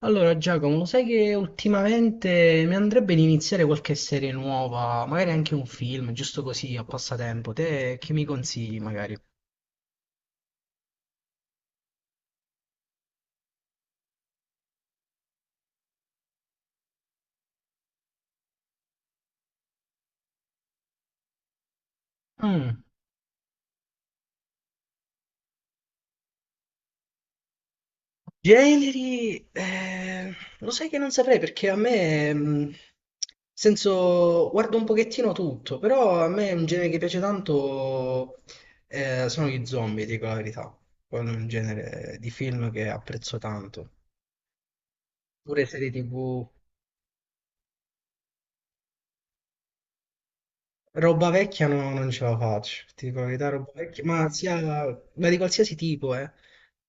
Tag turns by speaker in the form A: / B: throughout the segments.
A: Allora, Giacomo, lo sai che ultimamente mi andrebbe di iniziare qualche serie nuova, magari anche un film, giusto così, a passatempo. Te che mi consigli, magari? Mm. Generi, lo sai che non saprei perché a me, nel senso, guardo un pochettino tutto, però a me un genere che piace tanto sono gli zombie, dico la verità. Quello è un genere di film che apprezzo tanto. Pure serie TV. Roba vecchia no, non ce la faccio, ti dico la verità, roba vecchia, ma sia, ma di qualsiasi tipo, eh.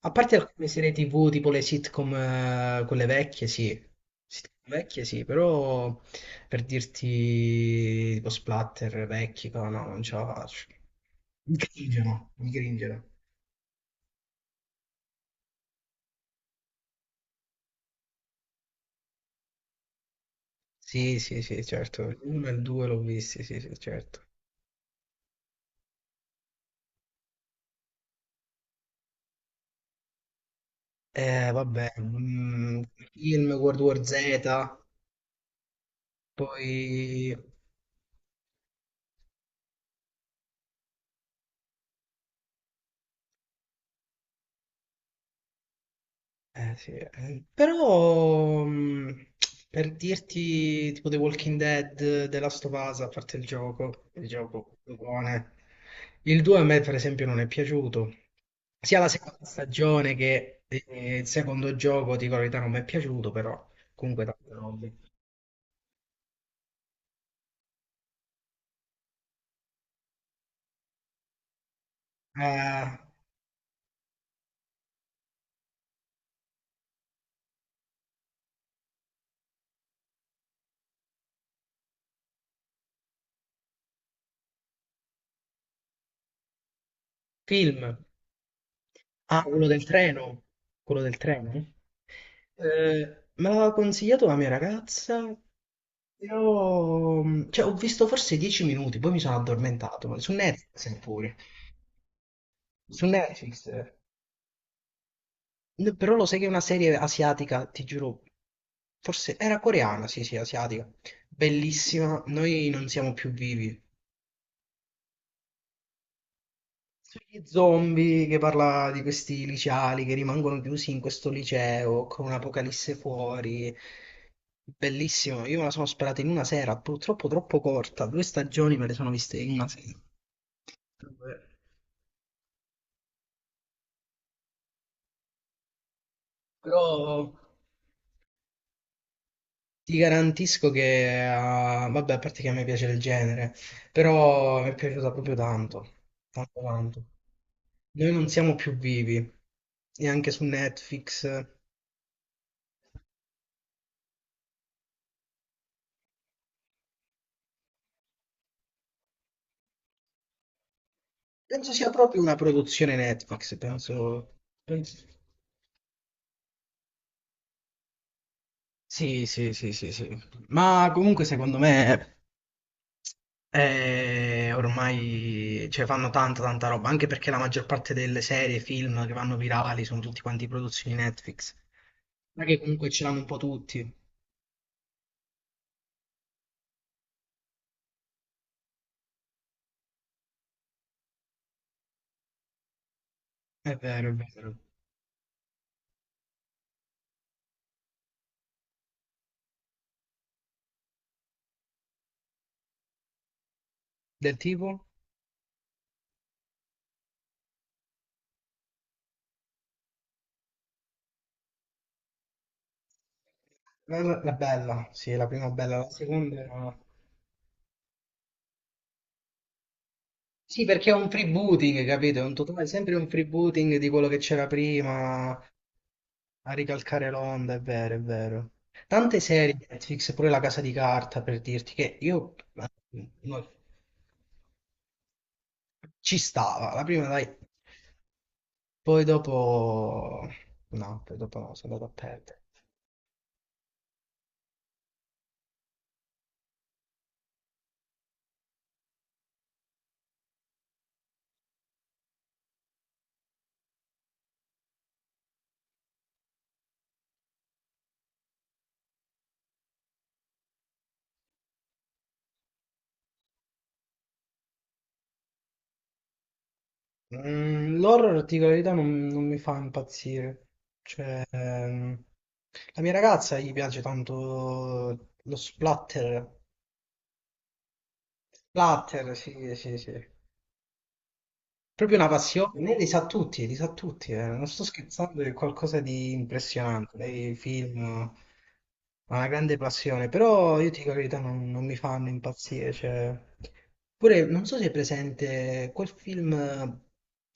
A: A parte alcune serie TV, tipo le sitcom, quelle vecchie, sì. Sitcom vecchie, sì, però per dirti tipo splatter vecchi, no, no, non ce la faccio. Mi cringiano, mi cringiano. Sì, sì, sì, certo. Uno e il due l'ho visti, sì, sì, certo. Vabbè, film, World War Z, poi. Sì, però per dirti tipo The Walking Dead, The Last of Us, a parte il gioco buone. Il 2 a me per esempio non è piaciuto, sia la seconda stagione che il secondo gioco, dico la verità, non mi è piaciuto, però comunque tante robe. Eh, Film, ah, quello del treno, quello del treno? Me l'aveva consigliato la mia ragazza. Io, cioè, ho visto forse 10 minuti, poi mi sono addormentato. Su Netflix pure. Su Netflix. Eh. Però lo sai che è una serie asiatica, ti giuro. Forse era coreana, sì, sì, asiatica. Bellissima. Noi non siamo più vivi. Sugli zombie che parla di questi liceali che rimangono chiusi in questo liceo con un'apocalisse fuori. Bellissimo, io me la sono sperata in una sera, purtroppo troppo corta, due stagioni me le sono viste in una sera. Vabbè. Però ti garantisco che, ah, vabbè, a parte che a me piace il genere, però mi è piaciuta proprio tanto, tanto tanto. Noi non siamo più vivi, neanche su Netflix. Penso sia proprio una produzione Netflix, penso. penso- Sì, sì, sì, sì, sì. Ma comunque secondo me ormai cioè, fanno tanta, tanta roba, anche perché la maggior parte delle serie, film che vanno virali sono tutti quanti produzioni Netflix. Ma che comunque ce l'hanno un po' tutti. È vero, è vero. Del tipo? La bella, sì, la prima bella, la seconda. Sì, perché è un freebooting, capito? È un totale, sempre un freebooting di quello che c'era prima. A ricalcare l'onda, è vero, è vero. Tante serie di Netflix, pure La Casa di Carta, per dirti che io no, ci stava, la prima dai, poi dopo no, poi dopo no, sono andato a perdere. L'horror, ti dico la verità, non mi fa impazzire. Cioè, la mia ragazza gli piace tanto lo splatter. Splatter, sì, sì, sì. Proprio una passione, li sa tutti, eh. Non sto scherzando, è qualcosa di impressionante. Lei film ha una grande passione, però io ti dico la verità, non mi fanno impazzire. Cioè. Pure, non so se è presente quel film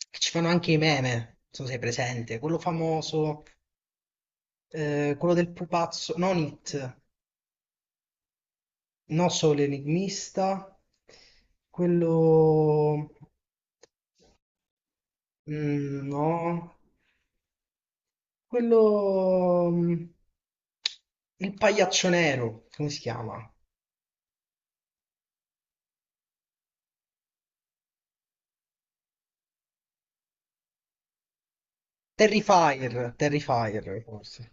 A: che ci fanno anche i meme, non so se è presente, quello famoso, quello del pupazzo, non It, non solo l'enigmista, quello. No. Quello. Il pagliaccio nero, come si chiama? Terrifier, Terrifier, forse.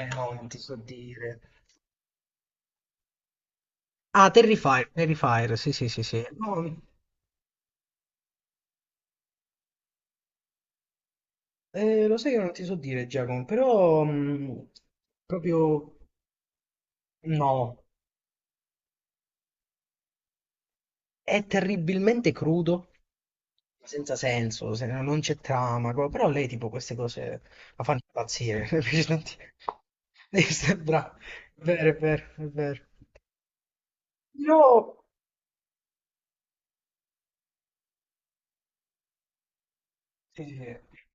A: Eh no, non ti so dire. Ah, Terrifier, Terrifier, sì, sì, sì, sì. No, lo sai che non ti so dire, Giacomo, però proprio no. È terribilmente crudo, senza senso, no non c'è trama, però lei tipo queste cose la fanno impazzire. Devi sembra. È vero, è vero, è vero. Io sì, sì, sì.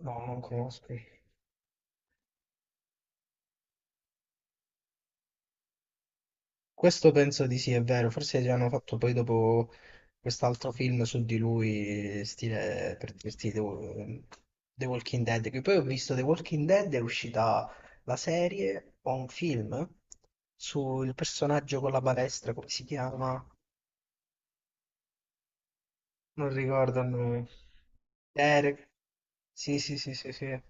A: No, non conosco. Questo penso di sì, è vero. Forse gli hanno fatto poi dopo quest'altro film su di lui, stile per dirti The Walking Dead. Che poi ho visto The Walking Dead, è uscita la serie o un film sul personaggio con la palestra, come si chiama? Non ricordo il nome. Derek. Sì, sì, sì, sì, sì.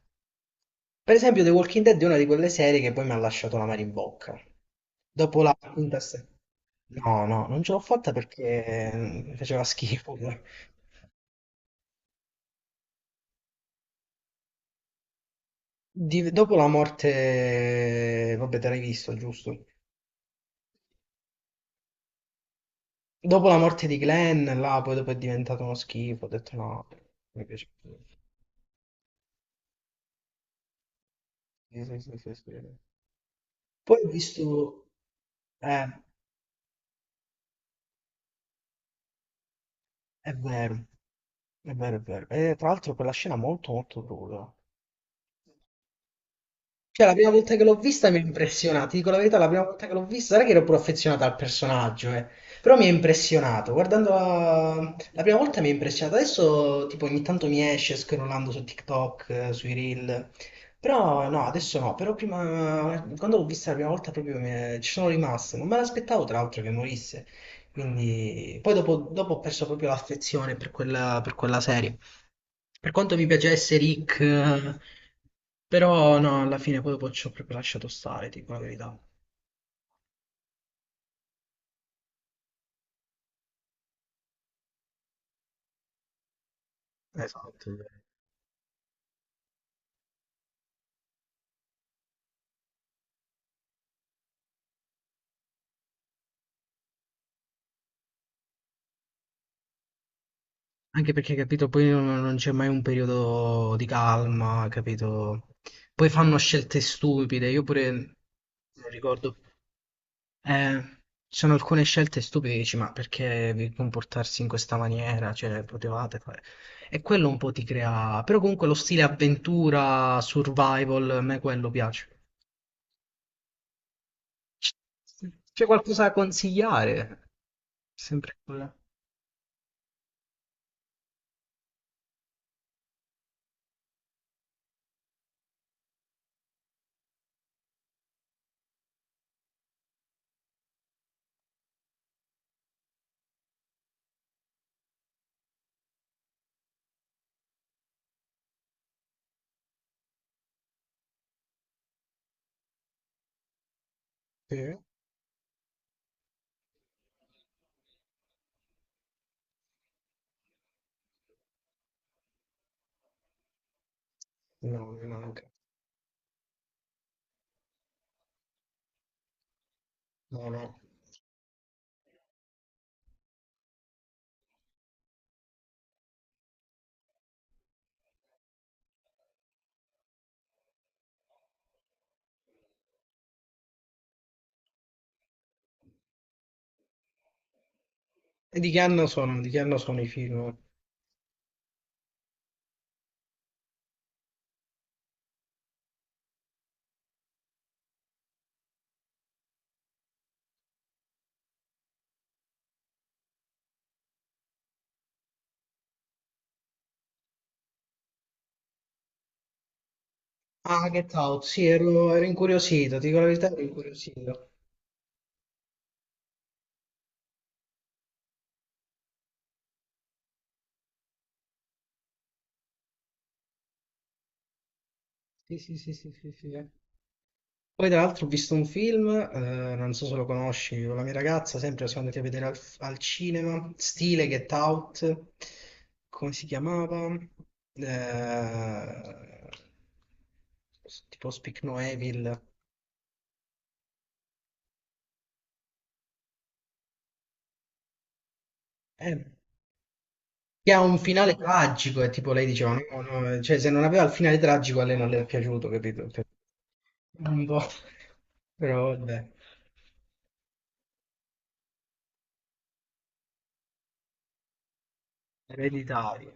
A: Per esempio, The Walking Dead è una di quelle serie che poi mi ha lasciato l'amaro in bocca. Dopo la quinta stagione. No, no, non ce l'ho fatta perché faceva schifo poi. Dopo la morte, vabbè, te l'hai visto, giusto? Dopo la morte di Glenn, là, poi dopo è diventato uno schifo, ho detto no, mi piace più. Sì, sì, sì, sì, sì. Poi ho visto, eh, è vero, è vero, è vero. E tra l'altro quella scena molto, molto cruda. Cioè, la prima volta che l'ho vista mi ha impressionato, ti dico la verità, la prima volta che l'ho vista, non è che ero pure affezionato al personaggio, eh. Però mi ha impressionato, guardando la prima volta mi ha impressionato, adesso tipo ogni tanto mi esce scrollando su TikTok, sui Reel, però no, adesso no, però prima, quando l'ho vista la prima volta proprio ci sono rimasto, non me l'aspettavo tra l'altro che morisse, quindi poi dopo ho perso proprio l'affezione per quella serie. Per quanto mi piacesse Rick, però no, alla fine poi dopo ci ho proprio lasciato stare, dico la verità. Esatto. Anche perché, capito, poi non c'è mai un periodo di calma, capito? Poi fanno scelte stupide, io pure non ricordo. Eh, Ci sono alcune scelte stupide, dici, ma perché vi comportarsi in questa maniera? Cioè, potevate fare. E quello un po' ti crea. Però comunque lo stile avventura, survival, a me quello piace. C'è qualcosa da consigliare? Sempre quella. Sì? No, mi manca. No, no. E di che anno sono? Di che anno sono i film? Ah, Get Out, sì, ero incuriosito, ti dico la verità, ero incuriosito. Sì, sì, sì, sì, sì, sì. Eh. Poi tra l'altro ho visto un film, non so se lo conosci, con la mia ragazza, sempre siamo andati a vedere al cinema, stile Get Out, come si chiamava? Eh, tipo Speak No Evil. Eh, che ha un finale tragico, e tipo lei diceva, no, no, cioè se non aveva il finale tragico a lei non le è piaciuto, capito? Cioè. Un po'. Però vabbè, ereditario.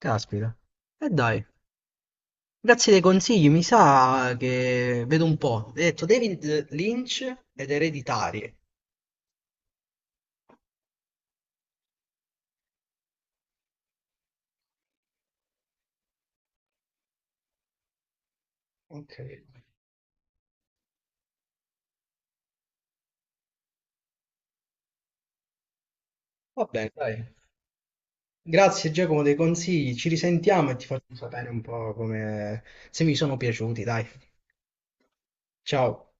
A: Caspita. E dai, grazie dei consigli, mi sa che vedo un po'. Hai detto David Lynch ed ereditarie. Ok, va bene, dai. Grazie Giacomo dei consigli, ci risentiamo e ti faccio sapere un po' come se mi sono piaciuti, dai. Ciao.